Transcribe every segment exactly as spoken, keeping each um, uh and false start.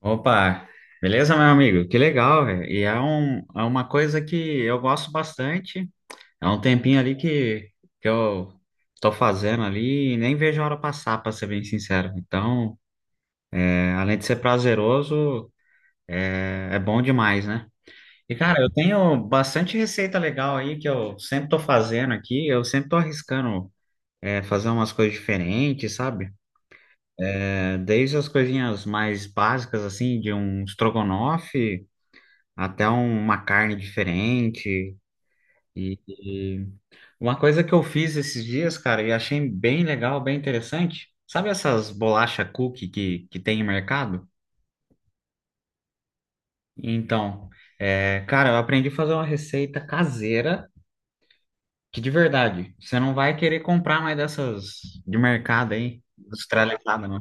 Opa, beleza, meu amigo? Que legal, velho. E é, um, é uma coisa que eu gosto bastante. É um tempinho ali que, que eu tô fazendo ali e nem vejo a hora passar, pra ser bem sincero. Então, é, além de ser prazeroso, é, é bom demais, né? E, cara, eu tenho bastante receita legal aí que eu sempre tô fazendo aqui. Eu sempre tô arriscando, é, fazer umas coisas diferentes, sabe? É, desde as coisinhas mais básicas, assim, de um estrogonofe até um, uma carne diferente. E, e uma coisa que eu fiz esses dias, cara, e achei bem legal, bem interessante. Sabe essas bolacha cookie que, que tem em mercado? Então, é, cara, eu aprendi a fazer uma receita caseira que, de verdade, você não vai querer comprar mais dessas de mercado aí, industrializada, não.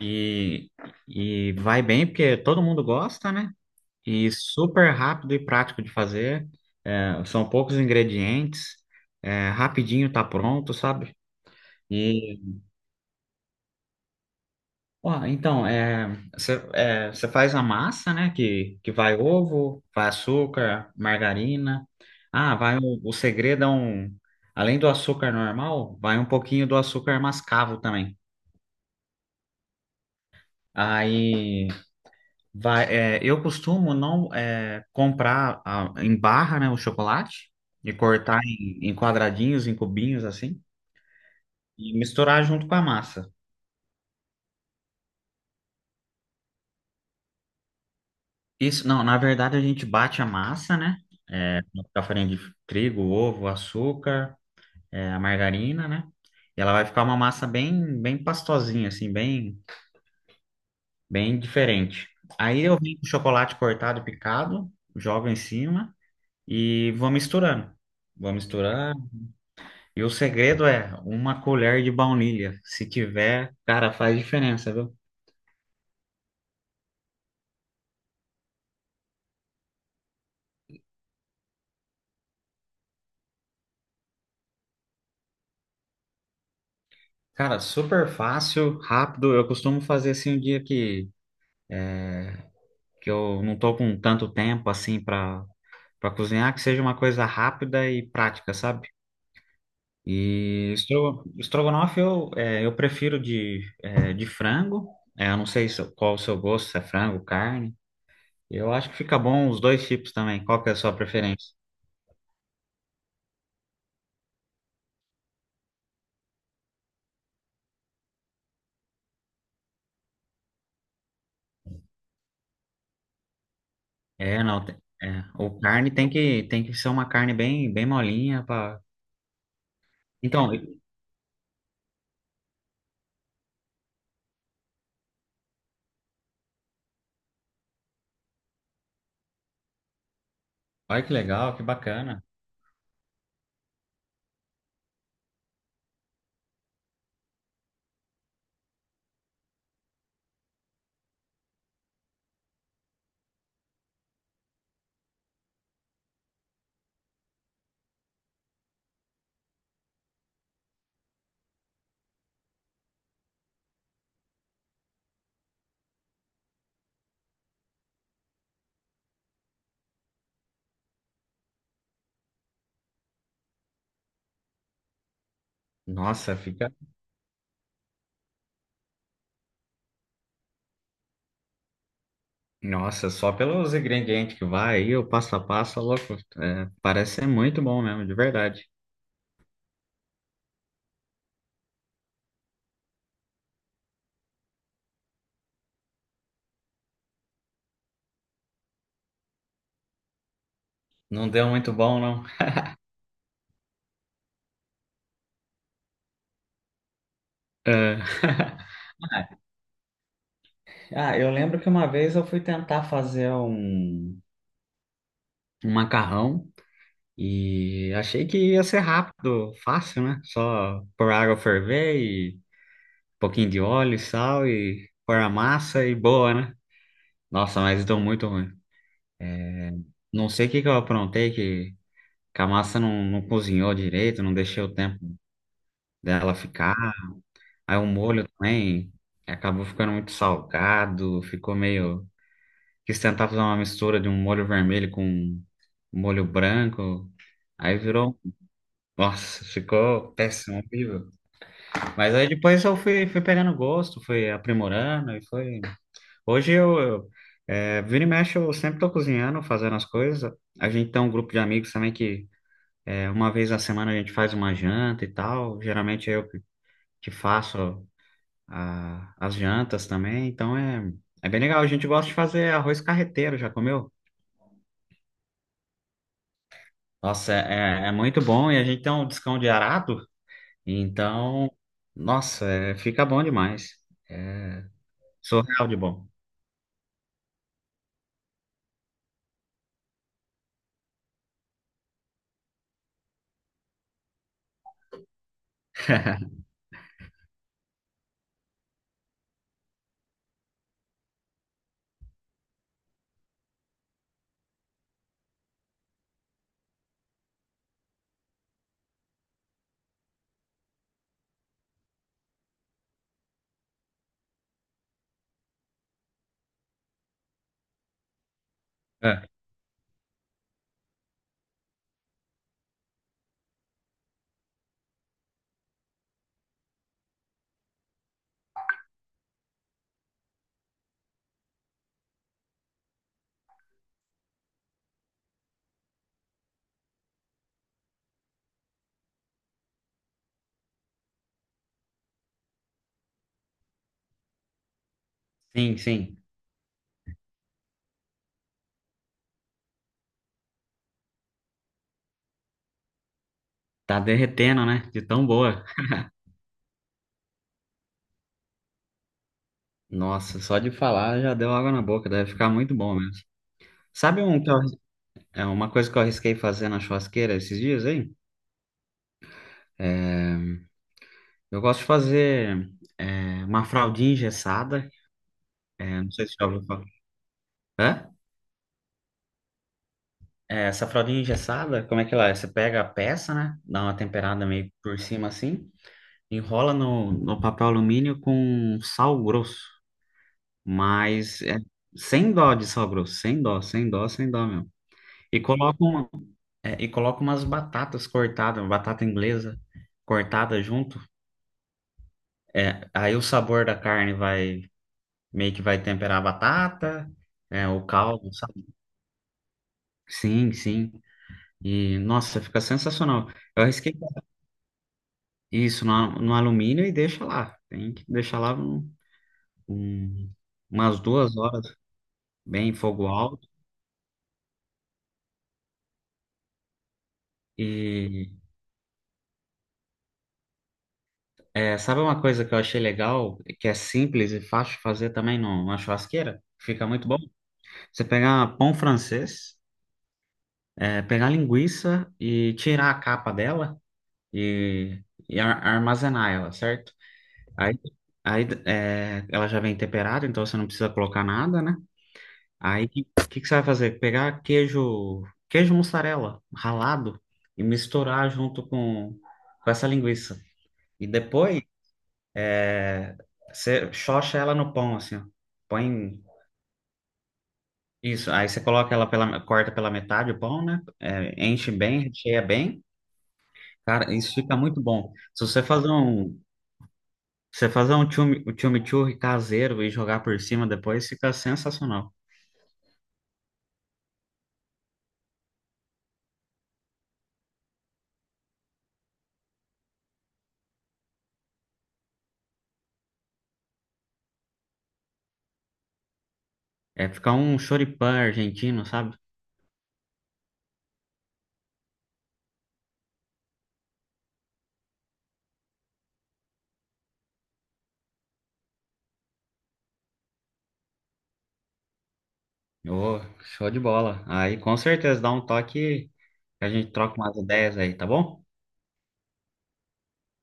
E, e vai bem porque todo mundo gosta, né? E super rápido e prático de fazer. É, são poucos ingredientes. É, rapidinho tá pronto, sabe? E, ó, então, é, você é, você faz a massa, né? Que, que vai ovo, vai açúcar, margarina. Ah, vai o, o segredo é um... Além do açúcar normal, vai um pouquinho do açúcar mascavo também. Aí... Vai, é, eu costumo, não é, comprar, ah, em barra, né, o chocolate e cortar em, em quadradinhos, em cubinhos assim e misturar junto com a massa. Isso, não, na verdade a gente bate a massa, né? É, com a farinha de trigo, ovo, açúcar, é, a margarina, né? E ela vai ficar uma massa bem, bem pastosinha, assim, bem, bem diferente. Aí eu venho com chocolate cortado e picado, jogo em cima e vou misturando. Vou misturando. E o segredo é uma colher de baunilha. Se tiver, cara, faz diferença, viu? Cara, super fácil, rápido. Eu costumo fazer assim um dia que, que eu não tô com tanto tempo assim para para cozinhar, que seja uma coisa rápida e prática, sabe? E estro- estrogonofe eu, é, eu prefiro de, é, de frango. É, eu não sei se- qual o seu gosto, se é frango, carne. Eu acho que fica bom os dois tipos também. Qual que é a sua preferência? É, não, tem- é, o carne tem que, tem que ser uma carne bem, bem molinha para... Então, olha que legal, que bacana. Nossa, fica. Nossa, só pelos ingredientes que vai aí, o passo a passo, tá louco. É, parece ser muito bom mesmo, de verdade. Não deu muito bom, não. É. Ah, eu lembro que uma vez eu fui tentar fazer um, um macarrão e achei que ia ser rápido, fácil, né? Só pôr água ferver, pouquinho de óleo, sal e pôr a massa e boa, né? Nossa, mas deu muito ruim. Não sei o que que eu aprontei, que, que a massa não, não cozinhou direito, não deixei o tempo dela ficar. Aí o molho também acabou ficando muito salgado, ficou meio... Quis tentar fazer uma mistura de um molho vermelho com um molho branco, aí virou... um, Nossa, ficou péssimo, horrível. Mas aí depois eu fui, fui pegando gosto, fui aprimorando e foi... Hoje eu, eu é, vira e mexe, eu sempre tô cozinhando, fazendo as coisas. A gente tem um grupo de amigos também que é, uma vez na semana a gente faz uma janta e tal. Geralmente é eu que que faço a- as jantas também, então é, é bem legal. A gente gosta de fazer arroz carreteiro, já comeu? Nossa, é, é muito bom e a gente tem um descão de arado, então, nossa, é, fica bom demais. Surreal de bom. É. Sim, sim. Tá derretendo, né? De tão boa. Nossa, só de falar já deu água na boca, deve ficar muito bom mesmo. Sabe um que eu- é uma coisa que eu arrisquei fazer na churrasqueira esses dias, hein? É, eu gosto de fazer, é, uma fraldinha engessada. É, não sei se já ouviu falar. Hã? É, essa fraldinha engessada, como é que ela é? Você pega a peça, né? Dá uma temperada meio por cima assim, enrola no, no papel alumínio com sal grosso, mas é, sem dó de sal grosso, sem dó, sem dó, sem dó mesmo. E coloca, um- É, e coloca umas batatas cortadas, batata inglesa cortada junto. É, aí o sabor da carne vai meio que vai temperar a batata, é, o caldo, sabe? Sim, sim. E nossa, fica sensacional. Eu arrisquei isso no, a- no alumínio e deixa lá. Tem que deixar lá um- um- umas duas horas, bem em fogo alto. E é, sabe uma coisa que eu achei legal, que é simples e fácil de fazer também numa churrasqueira? Fica muito bom. Você pegar pão francês. É, pegar a linguiça e tirar a capa dela e, e ar- armazenar ela, certo? Aí, aí é, ela já vem temperada, então você não precisa colocar nada, né? Aí o que, que que você vai fazer? Pegar queijo, queijo mussarela ralado e misturar junto com, com essa linguiça. E depois é, você xoxa ela no pão, assim, ó. Põe isso. Aí você coloca ela pela, corta pela metade o pão, né? É, enche bem, recheia bem. Cara, isso fica muito bom. Se você fazer um, se você fazer um chimichurri caseiro e jogar por cima depois, fica sensacional. É ficar um choripã argentino, sabe? Ô, show de bola. Aí com certeza dá um toque que a gente troca umas ideias aí, tá bom?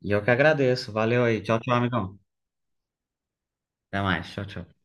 E eu que agradeço. Valeu aí. Tchau, tchau, amigão. Até mais. Tchau, tchau.